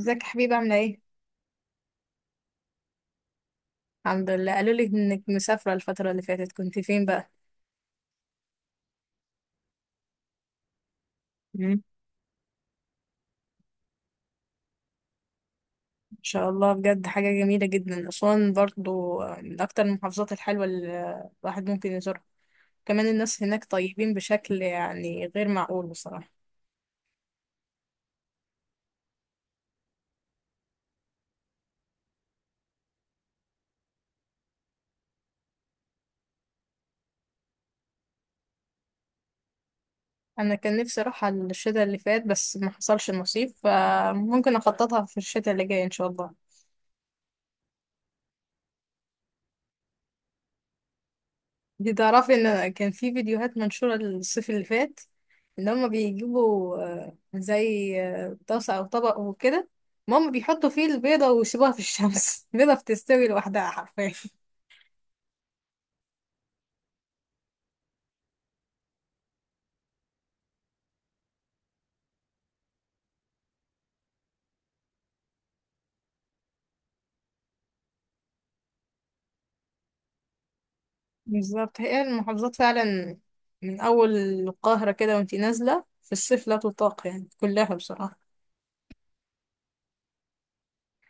ازيك يا حبيبة عاملة ايه؟ الحمد لله. قالوا لي انك مسافرة الفترة اللي فاتت، كنت فين بقى؟ مم. ان شاء الله، بجد حاجة جميلة جدا. أسوان برضو من أكتر المحافظات الحلوة اللي الواحد ممكن يزورها، كمان الناس هناك طيبين بشكل يعني غير معقول بصراحة. أنا كان نفسي أروح على الشتاء اللي فات بس ما حصلش نصيب، فممكن أخططها في الشتاء اللي جاي إن شاء الله. دي تعرفي ان كان في فيديوهات منشورة الصيف اللي فات ان هما بيجيبوا زي طاسة او طبق وكده، ماما بيحطوا فيه البيضة ويسيبوها في الشمس البيضة بتستوي لوحدها حرفيا. بالظبط، هي المحافظات فعلا من اول القاهرة كده وانتي نازلة في الصيف لا تطاق يعني كلها بصراحة.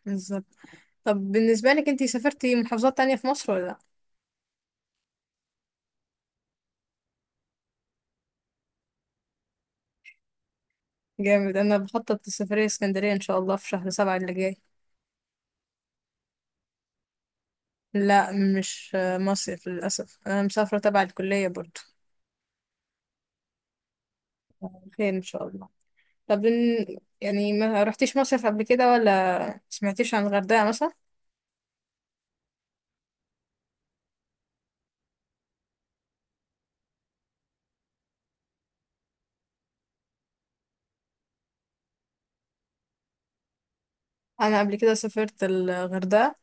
بالظبط. طب بالنسبة لك انتي سافرتي محافظات تانية في مصر ولا لا؟ جامد، انا بخطط لسفرية اسكندرية ان شاء الله في شهر 7 اللي جاي. لا مش مصيف للأسف، أنا مسافرة تبع الكلية برضو. خير إن شاء الله. طب يعني ما رحتيش مصيف قبل كده ولا سمعتيش عن الغردقة مثلا؟ أنا قبل كده سافرت الغردقة،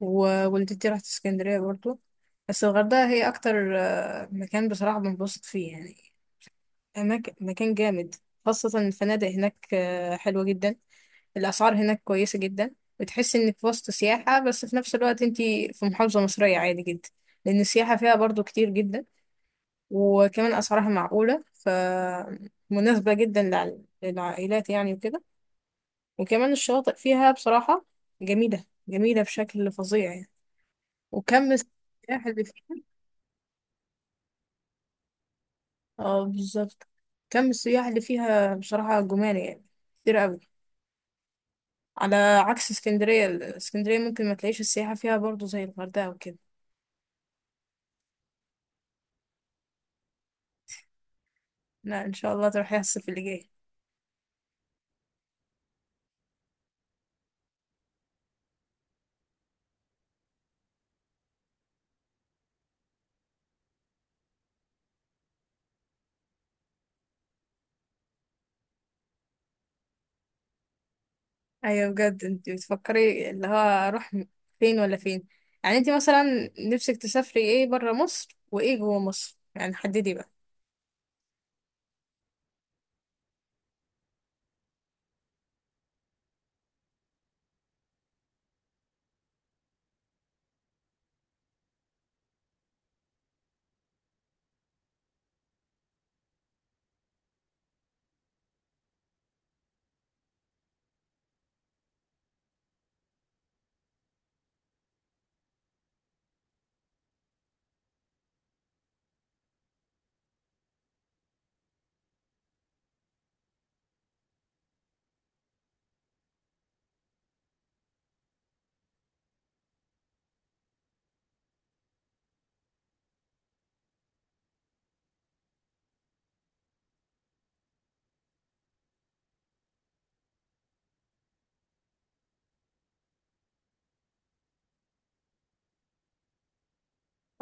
ووالدتي راحت اسكندرية برضو. بس الغردقة هي أكتر مكان بصراحة بنبسط فيه يعني. أماكن، مكان جامد، خاصة الفنادق هناك حلوة جدا. الأسعار هناك كويسة جدا، بتحس إنك في وسط سياحة بس في نفس الوقت أنت في محافظة مصرية عادي جدا، لأن السياحة فيها برضو كتير جدا. وكمان أسعارها معقولة فمناسبة جدا للعائلات يعني وكده. وكمان الشواطئ فيها بصراحة جميلة جميلة بشكل فظيع يعني، وكم السياح اللي فيها. اه بالظبط، كم السياح اللي فيها بصراحة جمال يعني، كتير أوي. على عكس اسكندرية، اسكندرية ممكن ما تلاقيش السياحة فيها برضو زي الغردقة وكده. لا ان شاء الله تروحي الصيف اللي جاي. ايوه بجد، انت بتفكري اللي هو اروح فين ولا فين؟ يعني انت مثلا نفسك تسافري ايه برا مصر وايه جوه مصر؟ يعني حددي بقى.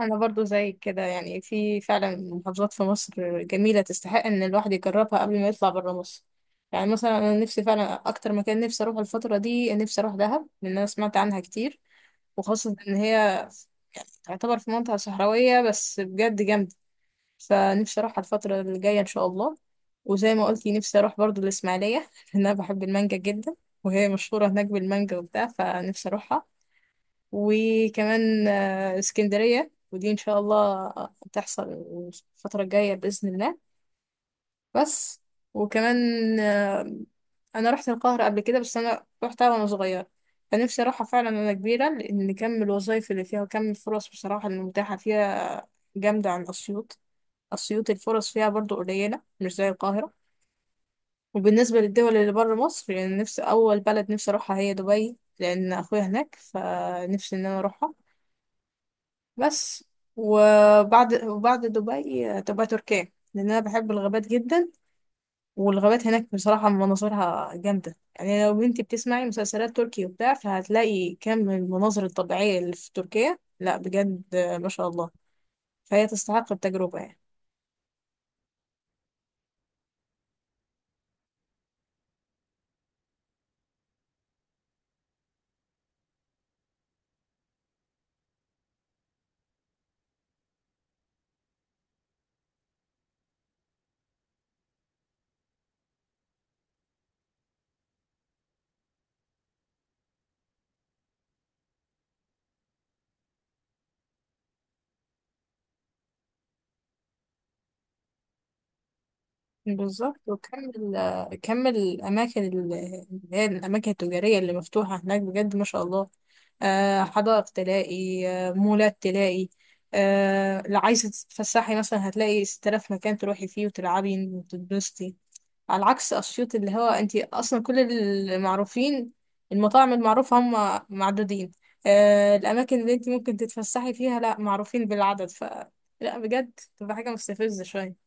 انا برضو زي كده، يعني في فعلا محافظات في مصر جميلة تستحق ان الواحد يجربها قبل ما يطلع برا مصر. يعني مثلا انا نفسي فعلا اكتر مكان نفسي اروح الفترة دي، نفسي اروح دهب لان انا سمعت عنها كتير، وخاصة ان هي يعني تعتبر في منطقة صحراوية بس بجد جامدة، فنفسي اروح على الفترة اللي جاية ان شاء الله. وزي ما قلتي نفسي اروح برضو الاسماعيلية لان انا بحب المانجا جدا، وهي مشهورة هناك بالمانجا وبتاع فنفسي اروحها. وكمان اسكندرية، ودي ان شاء الله تحصل الفترة الجاية بإذن الله. بس. وكمان آه، انا رحت القاهرة قبل كده بس انا رحتها وانا صغيرة، فنفسي اروحها فعلا وانا كبيرة، لان كم الوظايف اللي فيها وكم الفرص بصراحة المتاحة فيها جامدة عن أسيوط. أسيوط الفرص فيها برضو قليلة مش زي القاهرة. وبالنسبة للدول اللي بره مصر، يعني نفسي أول بلد نفسي أروحها هي دبي لأن أخويا هناك، فنفسي إن أنا أروحها. بس. وبعد دبي تبقى تركيا، لأن أنا بحب الغابات جدا، والغابات هناك بصراحة مناظرها جامدة. يعني لو بنتي بتسمعي مسلسلات تركي وبتاع فهتلاقي كم المناظر الطبيعية اللي في تركيا، لا بجد ما شاء الله، فهي تستحق التجربة يعني. بالظبط، وكم كم الأماكن اللي هي الأماكن التجارية اللي مفتوحة هناك بجد ما شاء الله. حدائق تلاقي، مولات تلاقي، لو عايزة تتفسحي مثلا هتلاقي 6000 مكان تروحي فيه وتلعبي وتتبسطي. على عكس أسيوط اللي هو أنت أصلا كل المعروفين، المطاعم المعروفة هم معدودين، الأماكن اللي أنت ممكن تتفسحي فيها لا معروفين بالعدد، لا بجد تبقى حاجة مستفزة شوية.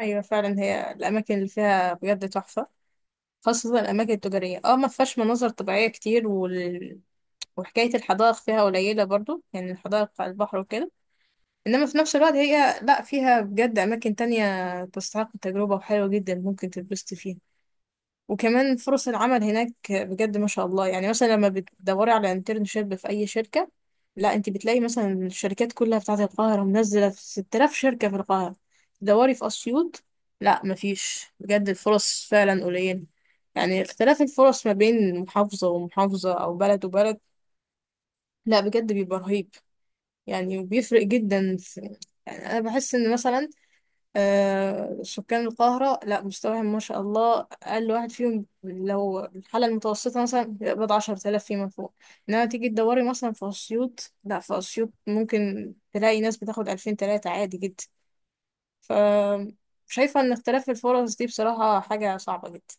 ايوه فعلا، هي الاماكن اللي فيها بجد تحفه، خاصه الاماكن التجاريه. اه ما فيهاش مناظر طبيعيه كتير، وحكايه الحدائق فيها قليله برضو، يعني الحدائق على البحر وكده. انما في نفس الوقت هي لا فيها بجد اماكن تانية تستحق التجربه وحلوه جدا ممكن تتبسط فيها. وكمان فرص العمل هناك بجد ما شاء الله، يعني مثلا لما بتدوري على انترنشيب في اي شركة، لا انت بتلاقي مثلا الشركات كلها بتاعت القاهرة منزلة في 6000 شركة في القاهرة. تدوري في اسيوط، لا مفيش، بجد الفرص فعلا قليلة. يعني اختلاف الفرص ما بين محافظة ومحافظة او بلد وبلد، لا بجد بيبقى رهيب، يعني وبيفرق جدا. في يعني انا بحس ان مثلا سكان القاهرة، لا مستواهم ما شاء الله أقل واحد فيهم لو الحالة المتوسطة مثلا بيقبض 10,000 فيما فوق. إنما تيجي تدوري مثلا في أسيوط، لا في أسيوط ممكن تلاقي ناس بتاخد 2000، 3000 عادي جدا. ف شايفة إن اختلاف الفرص دي بصراحة حاجة صعبة جدا.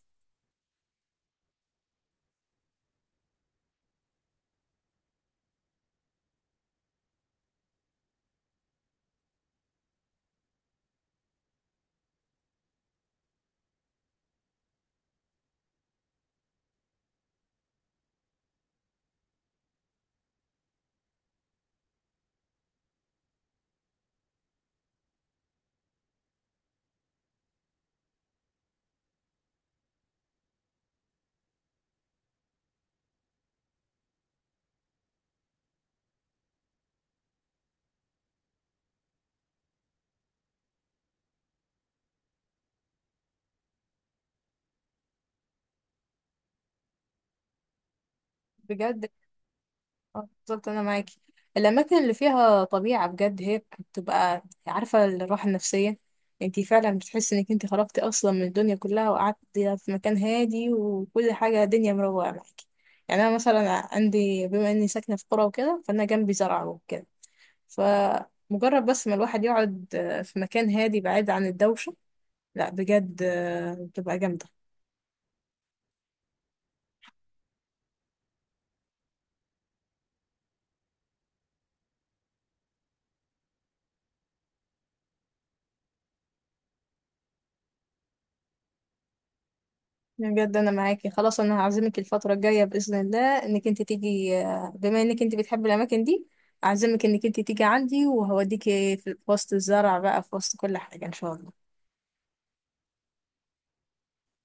بجد، اه بالظبط انا معاكي. الاماكن اللي فيها طبيعه بجد هي بتبقى، عارفه، الراحه النفسيه. انتي فعلا بتحسي انك انتي خرجتي اصلا من الدنيا كلها وقعدتي في مكان هادي وكل حاجه دنيا مروقه معاكي. يعني انا مثلا عندي، بما اني ساكنه في قرى وكده، فانا جنبي زرع وكده. فمجرد بس ما الواحد يقعد في مكان هادي بعيد عن الدوشه، لا بجد بتبقى جامده. بجد انا معاكي، خلاص انا هعزمك الفتره الجايه باذن الله انك انت تيجي، بما انك انت بتحبي الاماكن دي، اعزمك انك انت تيجي عندي، وهوديكي في وسط الزرع بقى، في وسط كل حاجه ان شاء الله.